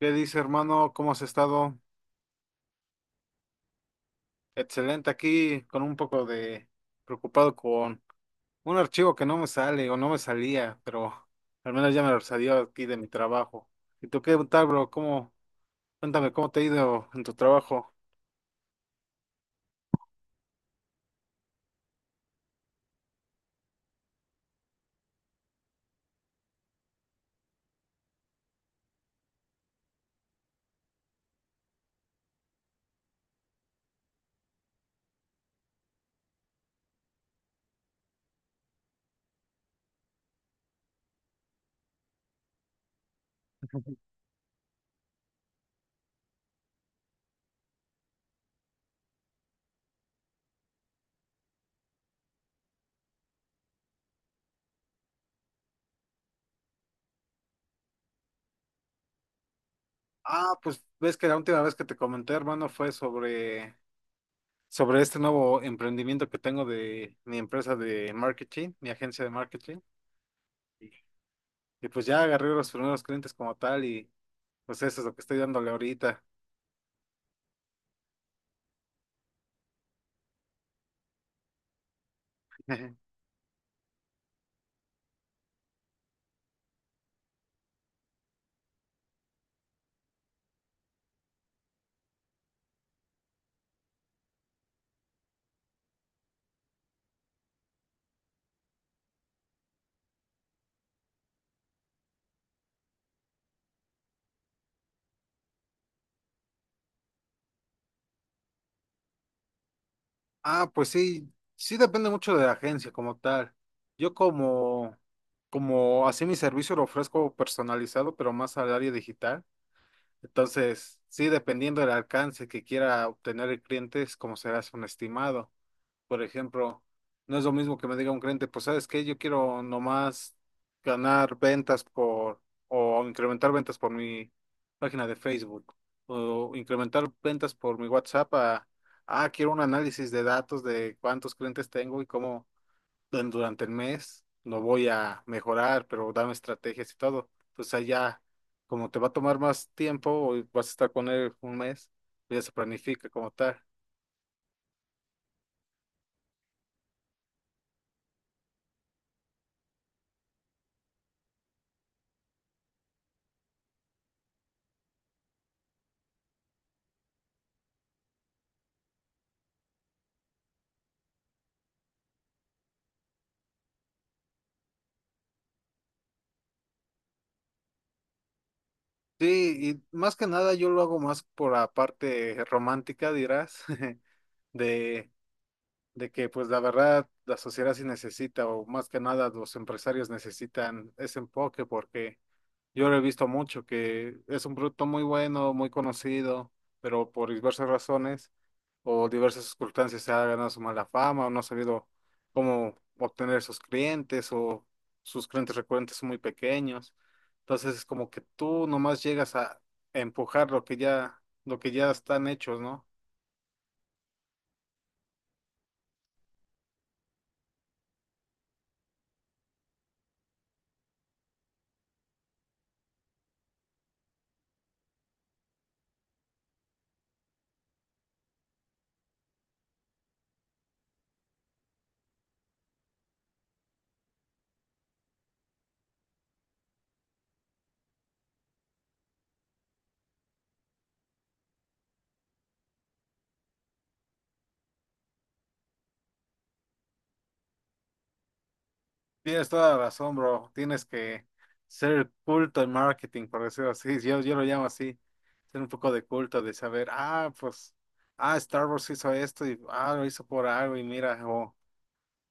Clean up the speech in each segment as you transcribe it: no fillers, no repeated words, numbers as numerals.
¿Qué dice, hermano? ¿Cómo has estado? Excelente aquí, con un poco de preocupado con un archivo que no me sale o no me salía, pero al menos ya me lo salió aquí de mi trabajo. ¿Y tú qué tal, bro? ¿Cómo? Cuéntame, ¿cómo te ha ido en tu trabajo? Ah, pues ves que la última vez que te comenté, hermano, fue sobre este nuevo emprendimiento que tengo de mi empresa de marketing, mi agencia de marketing. Y pues ya agarré los primeros clientes como tal y pues eso es lo que estoy dándole ahorita. Ah, pues sí, sí depende mucho de la agencia como tal. Yo como, como así mi servicio lo ofrezco personalizado, pero más al área digital. Entonces, sí, dependiendo del alcance que quiera obtener el cliente, es como será un estimado. Por ejemplo, no es lo mismo que me diga un cliente, pues sabes qué, yo quiero nomás ganar ventas por, o incrementar ventas por mi página de Facebook, o incrementar ventas por mi WhatsApp a, ah, quiero un análisis de datos de cuántos clientes tengo y cómo en durante el mes lo voy a mejorar, pero dame estrategias y todo. Entonces allá, como te va a tomar más tiempo, o vas a estar con él un mes, ya se planifica como tal. Sí, y más que nada yo lo hago más por la parte romántica, dirás, de, de que pues la verdad la sociedad sí necesita, o más que nada los empresarios necesitan ese enfoque, porque yo lo he visto mucho, que es un producto muy bueno, muy conocido, pero por diversas razones o diversas circunstancias se ha ganado su mala fama o no ha sabido cómo obtener sus clientes o sus clientes recurrentes son muy pequeños. Entonces es como que tú nomás llegas a empujar lo que ya están hechos, ¿no? Tienes toda la razón, bro. Tienes que ser culto en marketing, por decirlo así. Yo lo llamo así. Ser un poco de culto, de saber, ah, pues, ah, Star Wars hizo esto y ah, lo hizo por algo y mira, o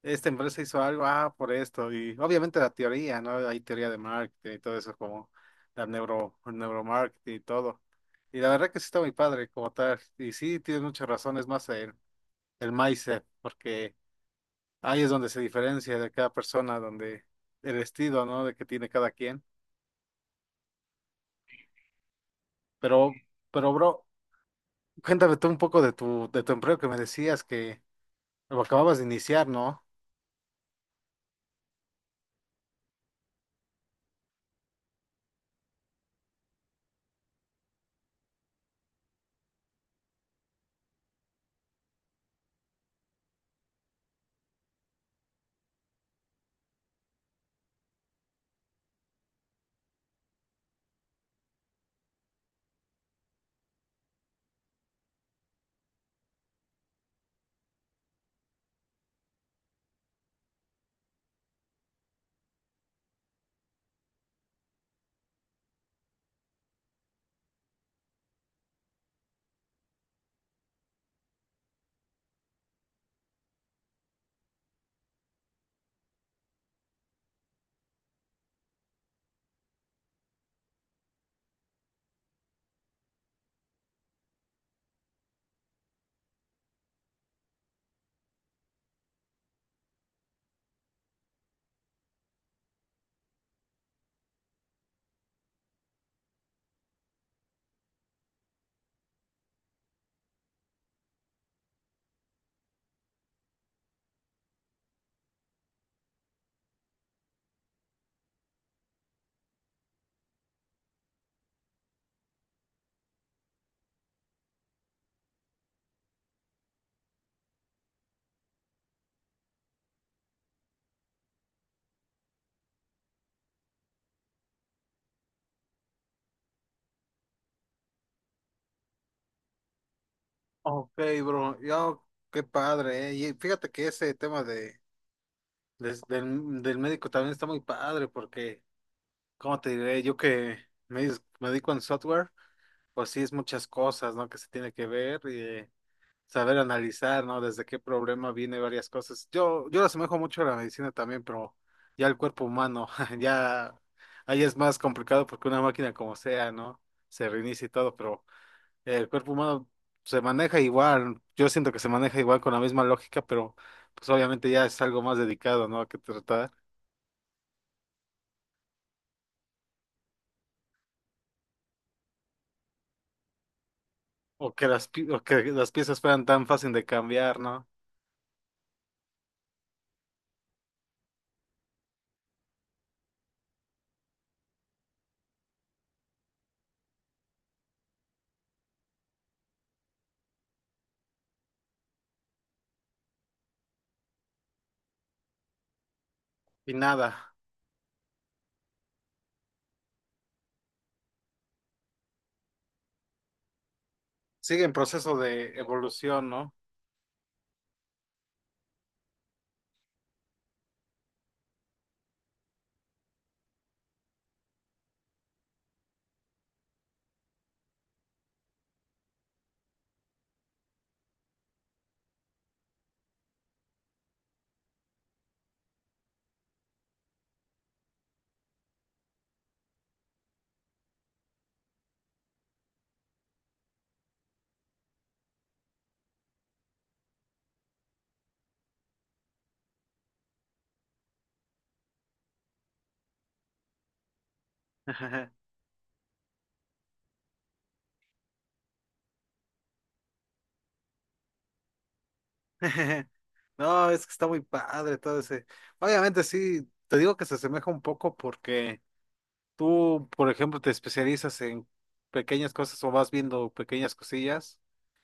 esta empresa hizo algo, ah, por esto, y obviamente la teoría, ¿no? Hay teoría de marketing y todo eso, como neuromarketing y todo. Y la verdad que sí está muy padre como tal, y sí, tiene muchas razones más el mindset, porque ahí es donde se diferencia de cada persona, donde el estilo, ¿no? De que tiene cada quien. Pero, pero, bro, cuéntame tú un poco de de tu empleo que me decías que lo acababas de iniciar, ¿no? Ok, bro, yo, qué padre, ¿eh? Y fíjate que ese tema de del médico también está muy padre porque, ¿cómo te diré? Yo que me dedico en software, pues sí es muchas cosas, ¿no? Que se tiene que ver y saber analizar, ¿no? Desde qué problema viene varias cosas. Yo lo asemejo mucho a la medicina también, pero ya el cuerpo humano, ya ahí es más complicado porque una máquina como sea, ¿no? Se reinicia y todo, pero el cuerpo humano se maneja igual. Yo siento que se maneja igual con la misma lógica, pero pues obviamente ya es algo más dedicado, ¿no? A qué tratar. O que las piezas fueran tan fácil de cambiar, ¿no? Y nada, sigue en proceso de evolución, ¿no? No, es que está muy padre todo ese. Obviamente sí, te digo que se asemeja un poco porque tú, por ejemplo, te especializas en pequeñas cosas o vas viendo pequeñas cosillas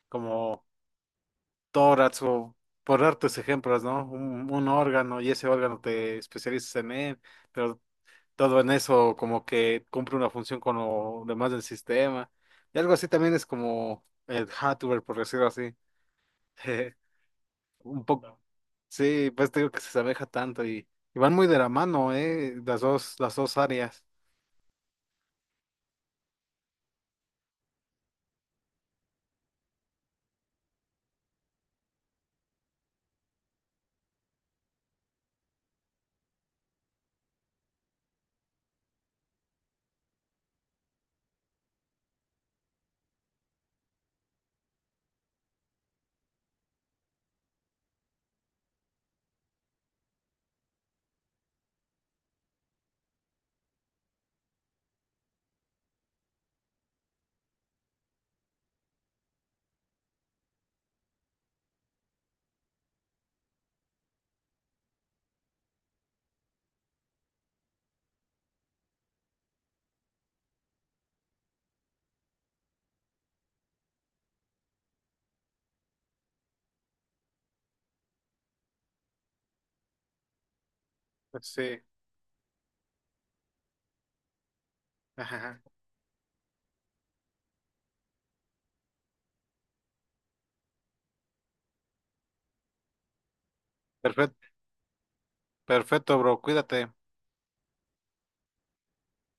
como tórax o por darte ejemplos, ¿no? Un órgano y ese órgano te especializas en él, pero todo en eso como que cumple una función con lo demás del sistema. Y algo así también es como el hardware, por decirlo así. Un poco, sí, pues te digo que se asemeja tanto y van muy de la mano, las dos áreas. Sí. Ajá. Perfecto, perfecto, bro, cuídate.